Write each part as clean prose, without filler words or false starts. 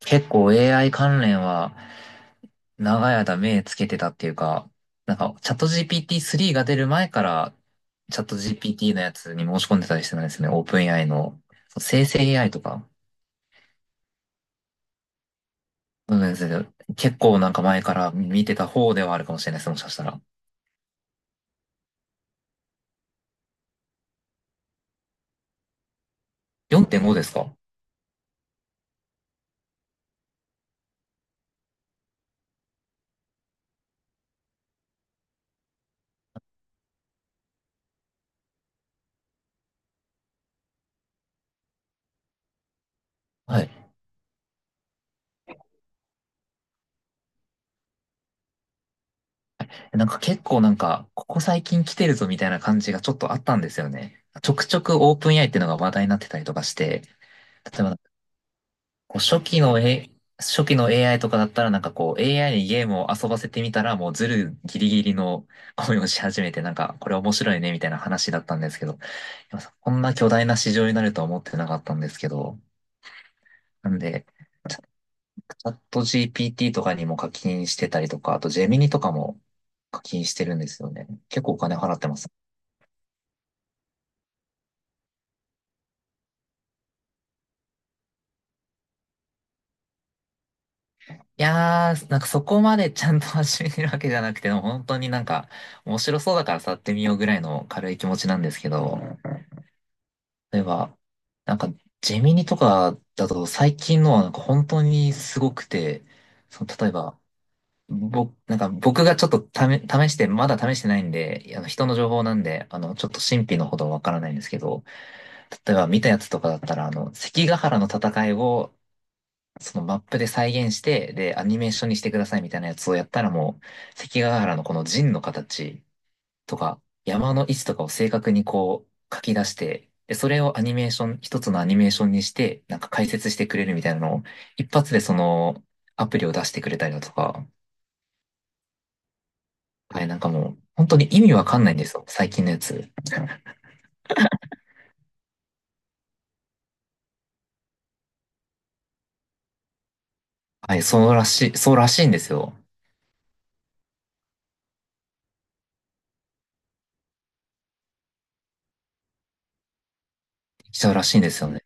結構 AI 関連は長い間目つけてたっていうか、なんかチャット GPT-3 が出る前からチャット GPT のやつに申し込んでたりしてたんですね。オープン AI の。そう生成 AI とか。うん、結構なんか前から見てた方ではあるかもしれないです。もしかしたら。4.5ですか？はい。なんか結構なんか、ここ最近来てるぞみたいな感じがちょっとあったんですよね。ちょくちょくオープン AI っていうのが話題になってたりとかして、例えばこう初期の AI とかだったらなんかこう AI にゲームを遊ばせてみたらもうズルギリギリの声をし始めてなんかこれ面白いねみたいな話だったんですけど、いやこんな巨大な市場になるとは思ってなかったんですけど、なんで、チャット GPT とかにも課金してたりとか、あとジェミニとかも課金してるんですよね。結構お金払ってます。いやー、なんかそこまでちゃんと始めてるわけじゃなくて、でも本当になんか面白そうだから触ってみようぐらいの軽い気持ちなんですけど、例えば、なんか、ジェミニとかだと最近のはなんか本当にすごくて、その例えば、僕、なんか僕がちょっと試、試して、まだ試してないんで、あの人の情報なんで、ちょっと神秘のほどわからないんですけど、例えば見たやつとかだったら、関ヶ原の戦いを、そのマップで再現して、で、アニメーションにしてくださいみたいなやつをやったらもう、関ヶ原のこの陣の形、とか、山の位置とかを正確にこう書き出して、で、それをアニメーション、一つのアニメーションにして、なんか解説してくれるみたいなのを、一発でそのアプリを出してくれたりだとか、はい、なんかもう、本当に意味わかんないんですよ、最近のやつ。はい、そうらしいんですよ。ちうらしいんですよね。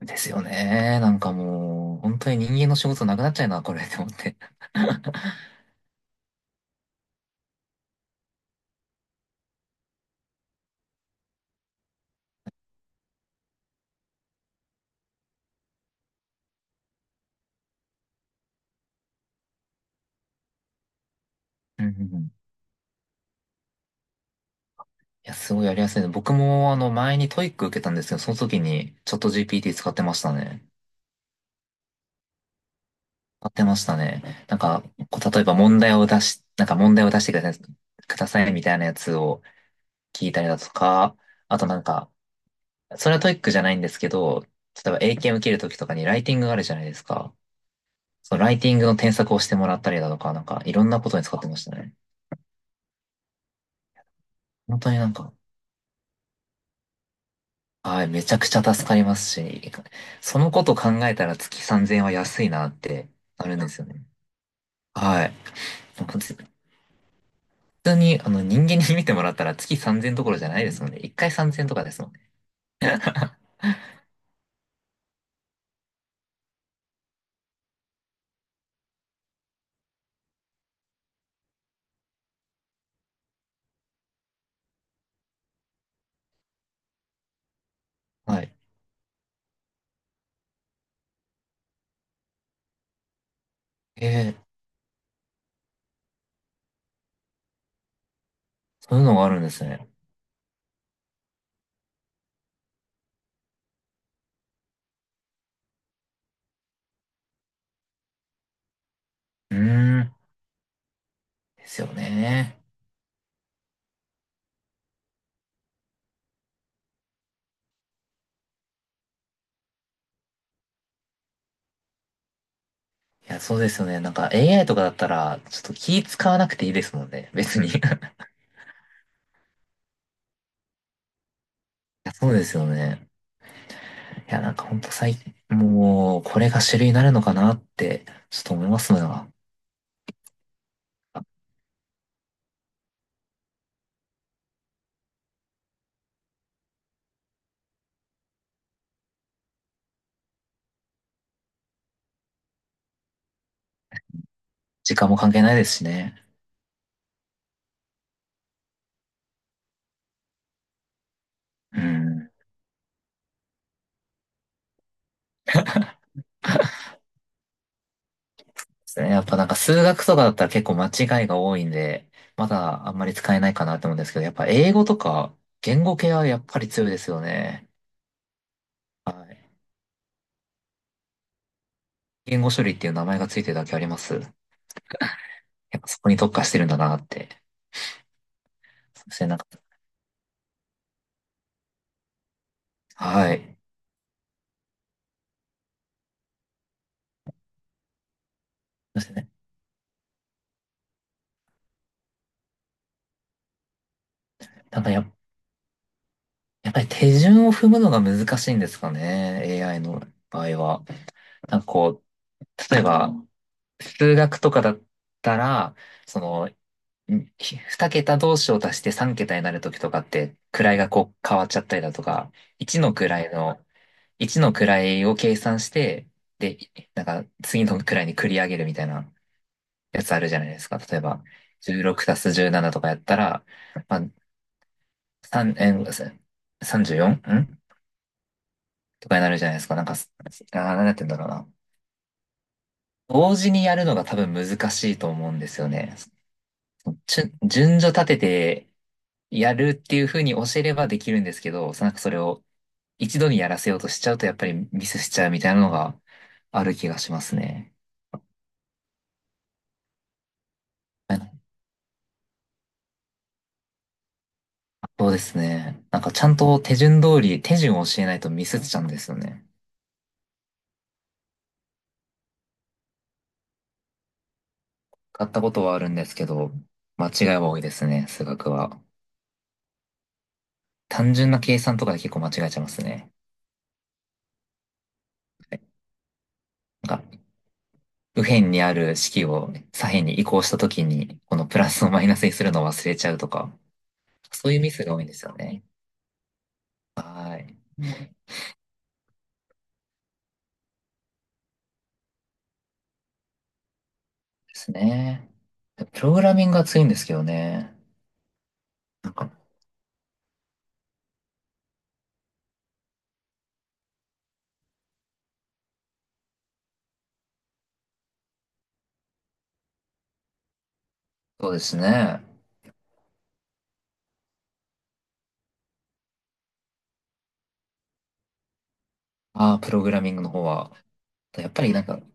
ですよね。なんかもう、本当に人間の仕事なくなっちゃうな、これ、って思って。うんうんうん。いや、すごいやりやすいね。僕も、前にトイック受けたんですけど、その時に、チャット GPT 使ってましたね。使ってましたね。なんか、こう例えば問題を出し、なんか問題を出してくださいみたいなやつを聞いたりだとか、あとなんか、それはトイックじゃないんですけど、例えば英検受けるときとかにライティングがあるじゃないですか。そのライティングの添削をしてもらったりだとか、なんかいろんなことに使ってましたね。本当になんか、はい、めちゃくちゃ助かりますし、そのこと考えたら月3000円は安いなってなるんですよね。はい。普通に、人間に見てもらったら月3000どころじゃないですもんね。1回3000とかですもんね。はい。えーそういうのがあるんですね。うーん。ですよね。いや、そうですよね。なんか AI とかだったら、ちょっと気使わなくていいですもんね。別に。いや、そうですよね。いや、なんかほんと最近、もう、これが主流になるのかなって、ちょっと思いますん。時間も関係ないですしね。うん。ですね。やっぱなんか数学とかだったら結構間違いが多いんで、まだあんまり使えないかなと思うんですけど、やっぱ英語とか言語系はやっぱり強いですよね。はい。言語処理っていう名前がついてるだけあります。やっぱそこに特化してるんだなって。そしてなんか、はい。そしてね、なんかやっぱり手順を踏むのが難しいんですかね。AI の場合は。なんかこう、例えば数学とかだったら、そのうん二桁同士を足して三桁になるときとかって、位がこう変わっちゃったりだとか、一の位の、一の位を計算して、で、なんか次の位に繰り上げるみたいなやつあるじゃないですか。例えば、16足す17とかやったら、まあ、3、えー、34？ んじゅうよんんとかになるじゃないですか。なんか、なんやって言うんだろうな。同時にやるのが多分難しいと思うんですよね。順序立ててやるっていうふうに教えればできるんですけど、なんかそれを一度にやらせようとしちゃうとやっぱりミスしちゃうみたいなのがある気がしますね。うん。そうですね。なんかちゃんと手順を教えないとミスっちゃうんですよね。買ったことはあるんですけど、間違いは多いですね、数学は。単純な計算とかで結構間違えちゃいますね。はい。なんか、右辺にある式を左辺に移行したときに、このプラスをマイナスにするのを忘れちゃうとか、そういうミスが多いんですよね。はい。ですね。プログラミングが強いんですけどね。なんか、そうですね。ああ、プログラミングの方は。やっぱりなんかで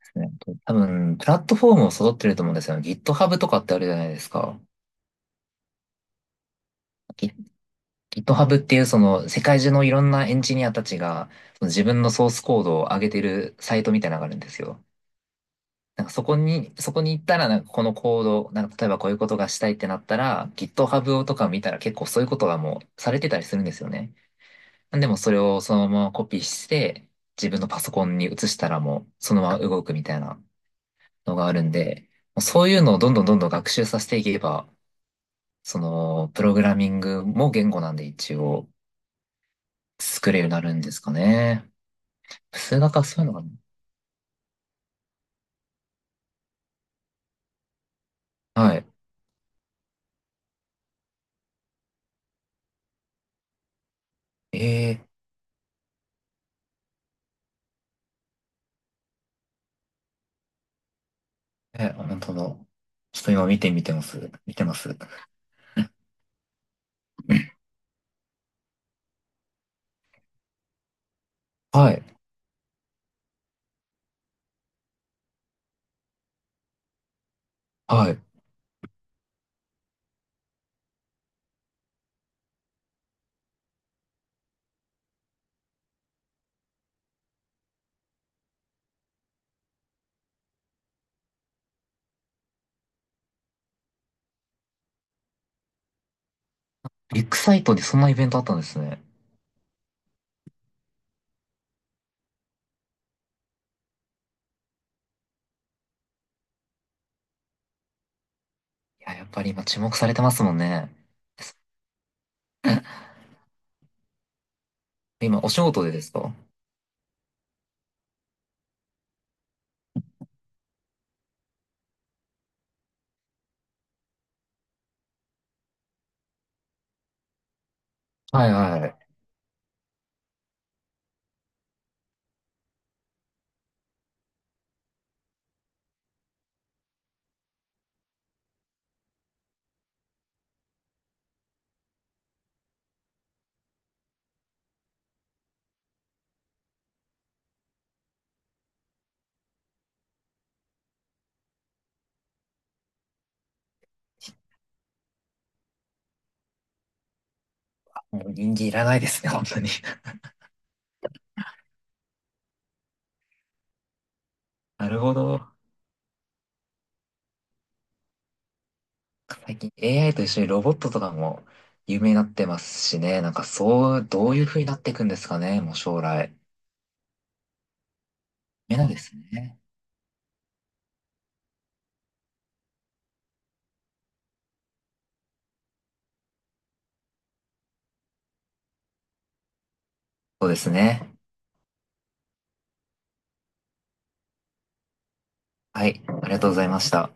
すね、多分、プラットフォームを揃ってると思うんですよね。GitHub とかってあるじゃないですか。Git- GitHub っていうその世界中のいろんなエンジニアたちがその自分のソースコードを上げてるサイトみたいなのがあるんですよ。なんかそこに行ったらなんかこのコード、なんか例えばこういうことがしたいってなったら GitHub とか見たら結構そういうことがもうされてたりするんですよね。でもそれをそのままコピーして、自分のパソコンに移したらもうそのまま動くみたいなのがあるんで、そういうのをどんどんどんどん学習させていけば、そのプログラミングも言語なんで一応作れるようになるんですかね。数学はそういうのかな。はい。ええ、本当だ。ちょっと今見てみてます。見てます。はい。はい。ビッグサイトでそんなイベントあったんですね。いや、やっぱり今注目されてますもんね。今お仕事でですか？はい、はい。もう人間いらないですね、本当に。なるほど。最近 AI と一緒にロボットとかも有名になってますしね。なんかそう、どういう風になっていくんですかね、もう将来。夢なんですね。そうですね。はい、ありがとうございました。